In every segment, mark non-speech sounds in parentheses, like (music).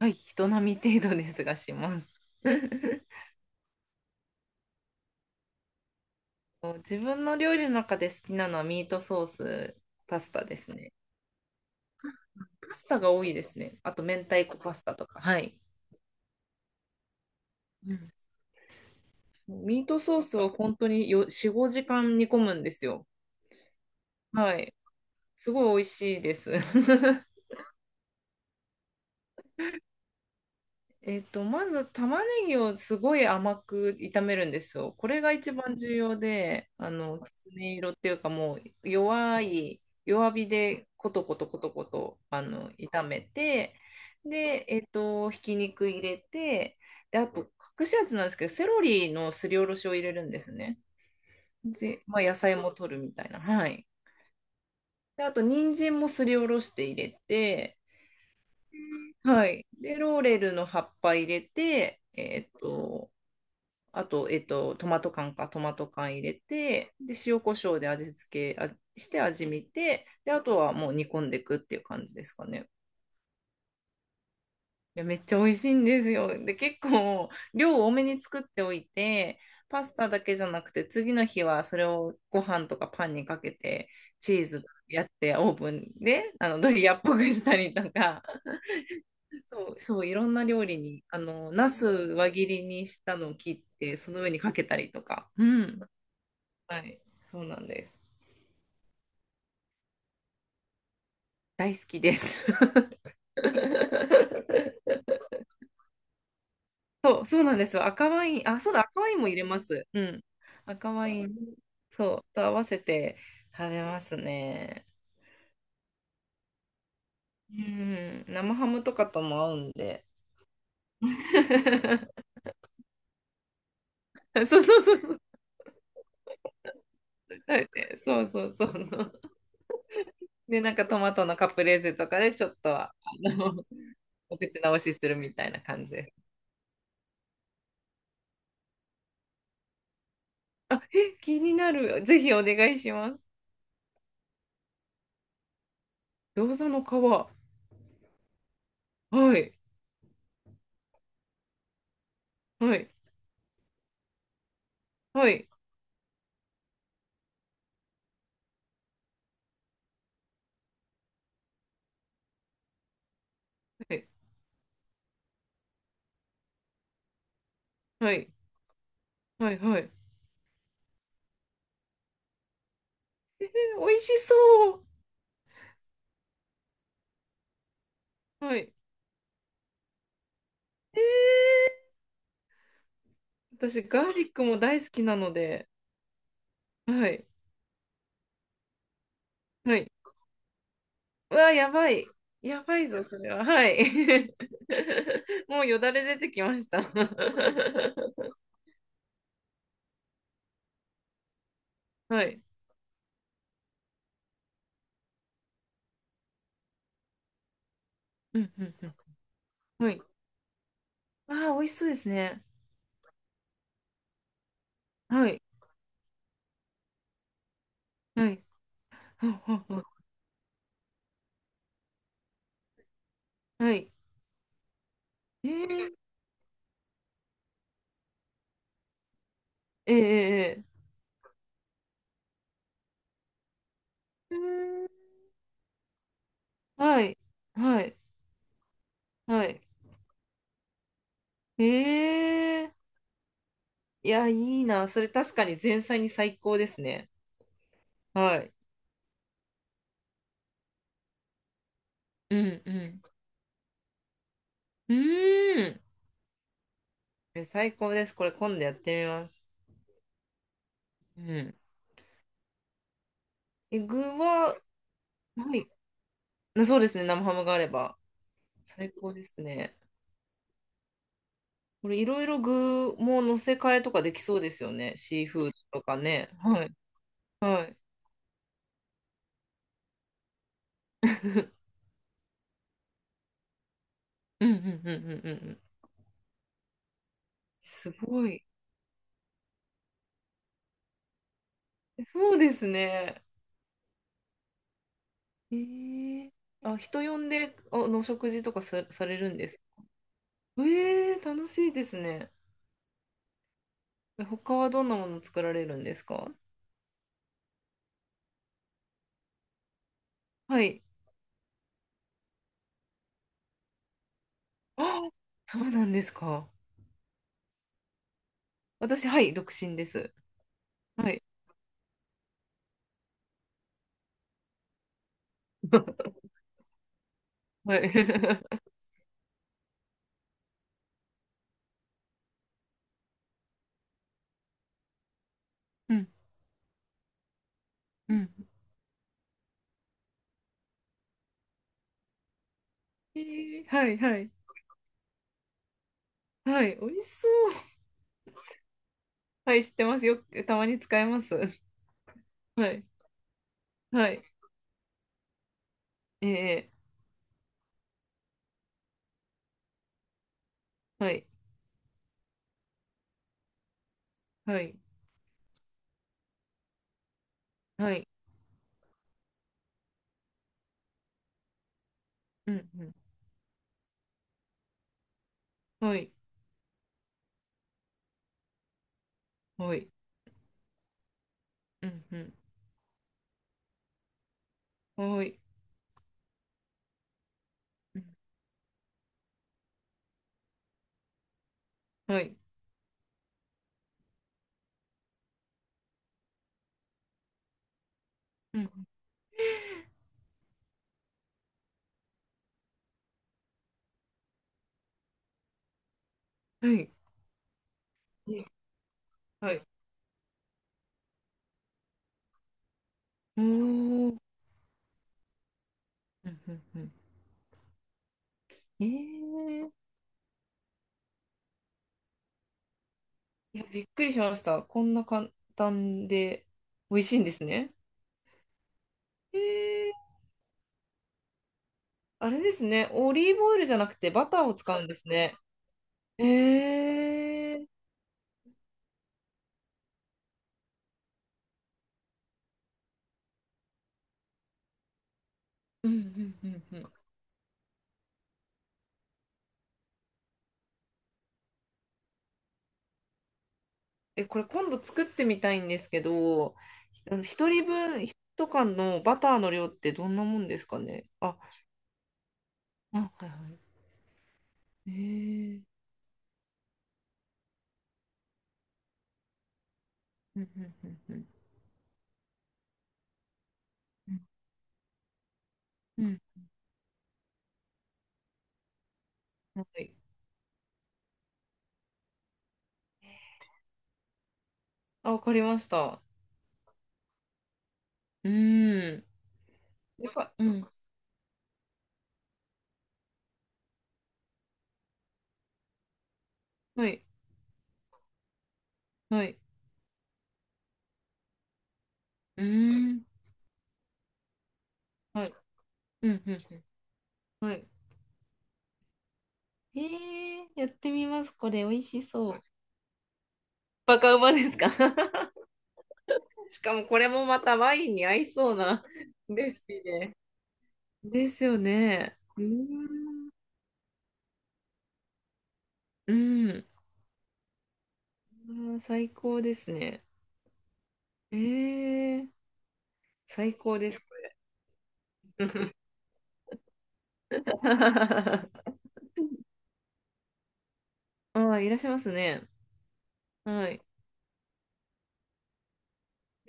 はい、人並み程度ですがします。(laughs) 自分の料理の中で好きなのはミートソース、パスタですね。パスタが多いですね。あと、明太子パスタとか。はい。うん、ミートソースを本当に4、5時間煮込むんですよ。はい。すごい美味しいです。(laughs) まず玉ねぎをすごい甘く炒めるんですよ。これが一番重要で、きつね色っていうかもう弱火でコトコトコトコト、炒めて、で、ひき肉入れて、で、あと、隠し味なんですけど、セロリのすりおろしを入れるんですね。で、まあ、野菜も取るみたいな。はい。で、あと、人参もすりおろして入れて、はい。で、ローレルの葉っぱ入れて、あと、トマト缶入れて、で、塩コショウで味付けして味見て、で、あとはもう煮込んでいくっていう感じですかね。いや、めっちゃ美味しいんですよ。で、結構、量を多めに作っておいて、パスタだけじゃなくて、次の日はそれをご飯とかパンにかけて、チーズやってオーブンで、ドリアっぽくしたりとか、(laughs) そう、そう、いろんな料理に、ナス輪切りにしたのを切って、その上にかけたりとか、うん、はい、そうなんです。大好きです。(laughs) そう、そうなんですよ。赤ワイン、あ、そうだ、赤ワインも入れます。うん。赤ワイン、そう、と合わせて食べますね。うん、生ハムとかとも合うんで。(laughs) そうそうそうそう。はい。そうそうそうそう。で、なんかトマトのカプレーゼとかでちょっとのお口直しするみたいな感じです。あ、え、気になる。ぜひお願いします。餃子の皮。はい。はい、はい、はい、はい、はい、はい。美味しそう。はい。私、ガーリックも大好きなので、はい、はい。うわ、やばい。やばいぞ、それは。はい。(laughs) もうよだれ出てきました。(laughs) はい。うんうんうん。はい。ああ、美味しそうですね。はい。はい。ははははい。えー、えー、えーえうーん。はい。はい。はい。ええ、いや、いいな。それ確かに前菜に最高ですね。はい。うんうん。うーん。最高です。これ今度やってみます。うん。具は、はい。そうですね。生ハムがあれば。最高ですね。これいろいろ具も乗せ替えとかできそうですよね。シーフードとかね。はい。はい。(laughs) うんうんうんうんうんうん。すごい。そうですね。えー、あ、人呼んで、お食事とかさ、されるんです？え楽しいですね。他はどんなもの作られるんですか？はい。あ、そうなんですか。私、はい、独身です。はい。(laughs) はい。(laughs) うん、うん。はい、はい。はい、美味しそう。はい、知ってますよ。たまに使えます。(laughs) はい、はい。ええ、はい、はい、はい。うん、うん。はい、はい。うん、うん。はい。うん、はい。うん、はい。はい。おー。うん、うん、うん。ええ、いや、びっくりしました。こんな簡単で美味しいんですね。えー、あれですね。オリーブオイルじゃなくてバターを使うんですね。えー、うんうんうんうん。これ今度作ってみたいんですけど、ひあの一人分、一缶のバターの量ってどんなもんですかね。あ、あ、はい、はい。うんうんうんうん。うん、うん。はい。あ、わかりました。うーん。やっぱ、うん。はい、はい。うーん。はい。うんうんうん。はい。えやってみます。これ、美味しそう。バカうまですか？ (laughs) しかもこれもまたワインに合いそうな (laughs) レシピで。ですよね。うーん。うん。あー最高ですね。えー、最高です。これ (laughs) ああ、いらっしゃいますね。はい。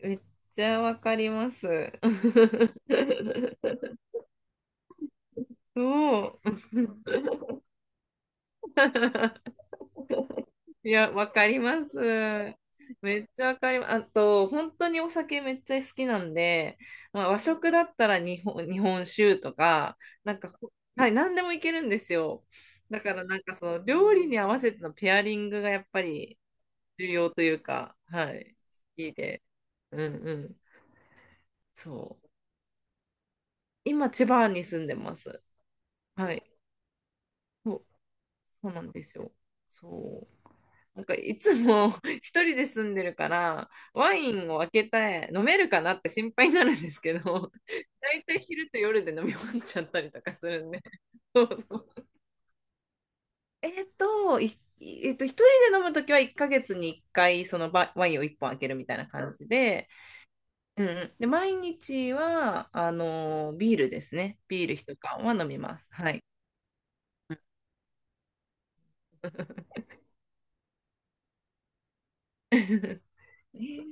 めっちゃわかります。(laughs) そう。(laughs) いや、わかります。めっちゃわかります。あと、本当にお酒めっちゃ好きなんで、まあ、和食だったら日本酒とか、なんか、はい、何でもいけるんですよ。だから、なんかその料理に合わせてのペアリングがやっぱり重要というか、はい、好きで。うんうん。そう。今、千葉に住んでます。はい。そうなんですよ。そう。なんかいつも (laughs) 一人で住んでるから、ワインを開けて飲めるかなって心配になるんですけど、(laughs) 大体昼と夜で飲み終わっちゃったりとかするんで。そうそう。えっと、いえっと、一人で飲むときは1ヶ月に1回そのワインを1本開けるみたいな感じで、うんうん、で、毎日は、ビールですね。ビール一缶は飲みます。はい。(laughs) えー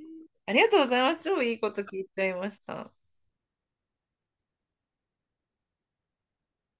ありがとうございます。超いいこと聞いちゃいました。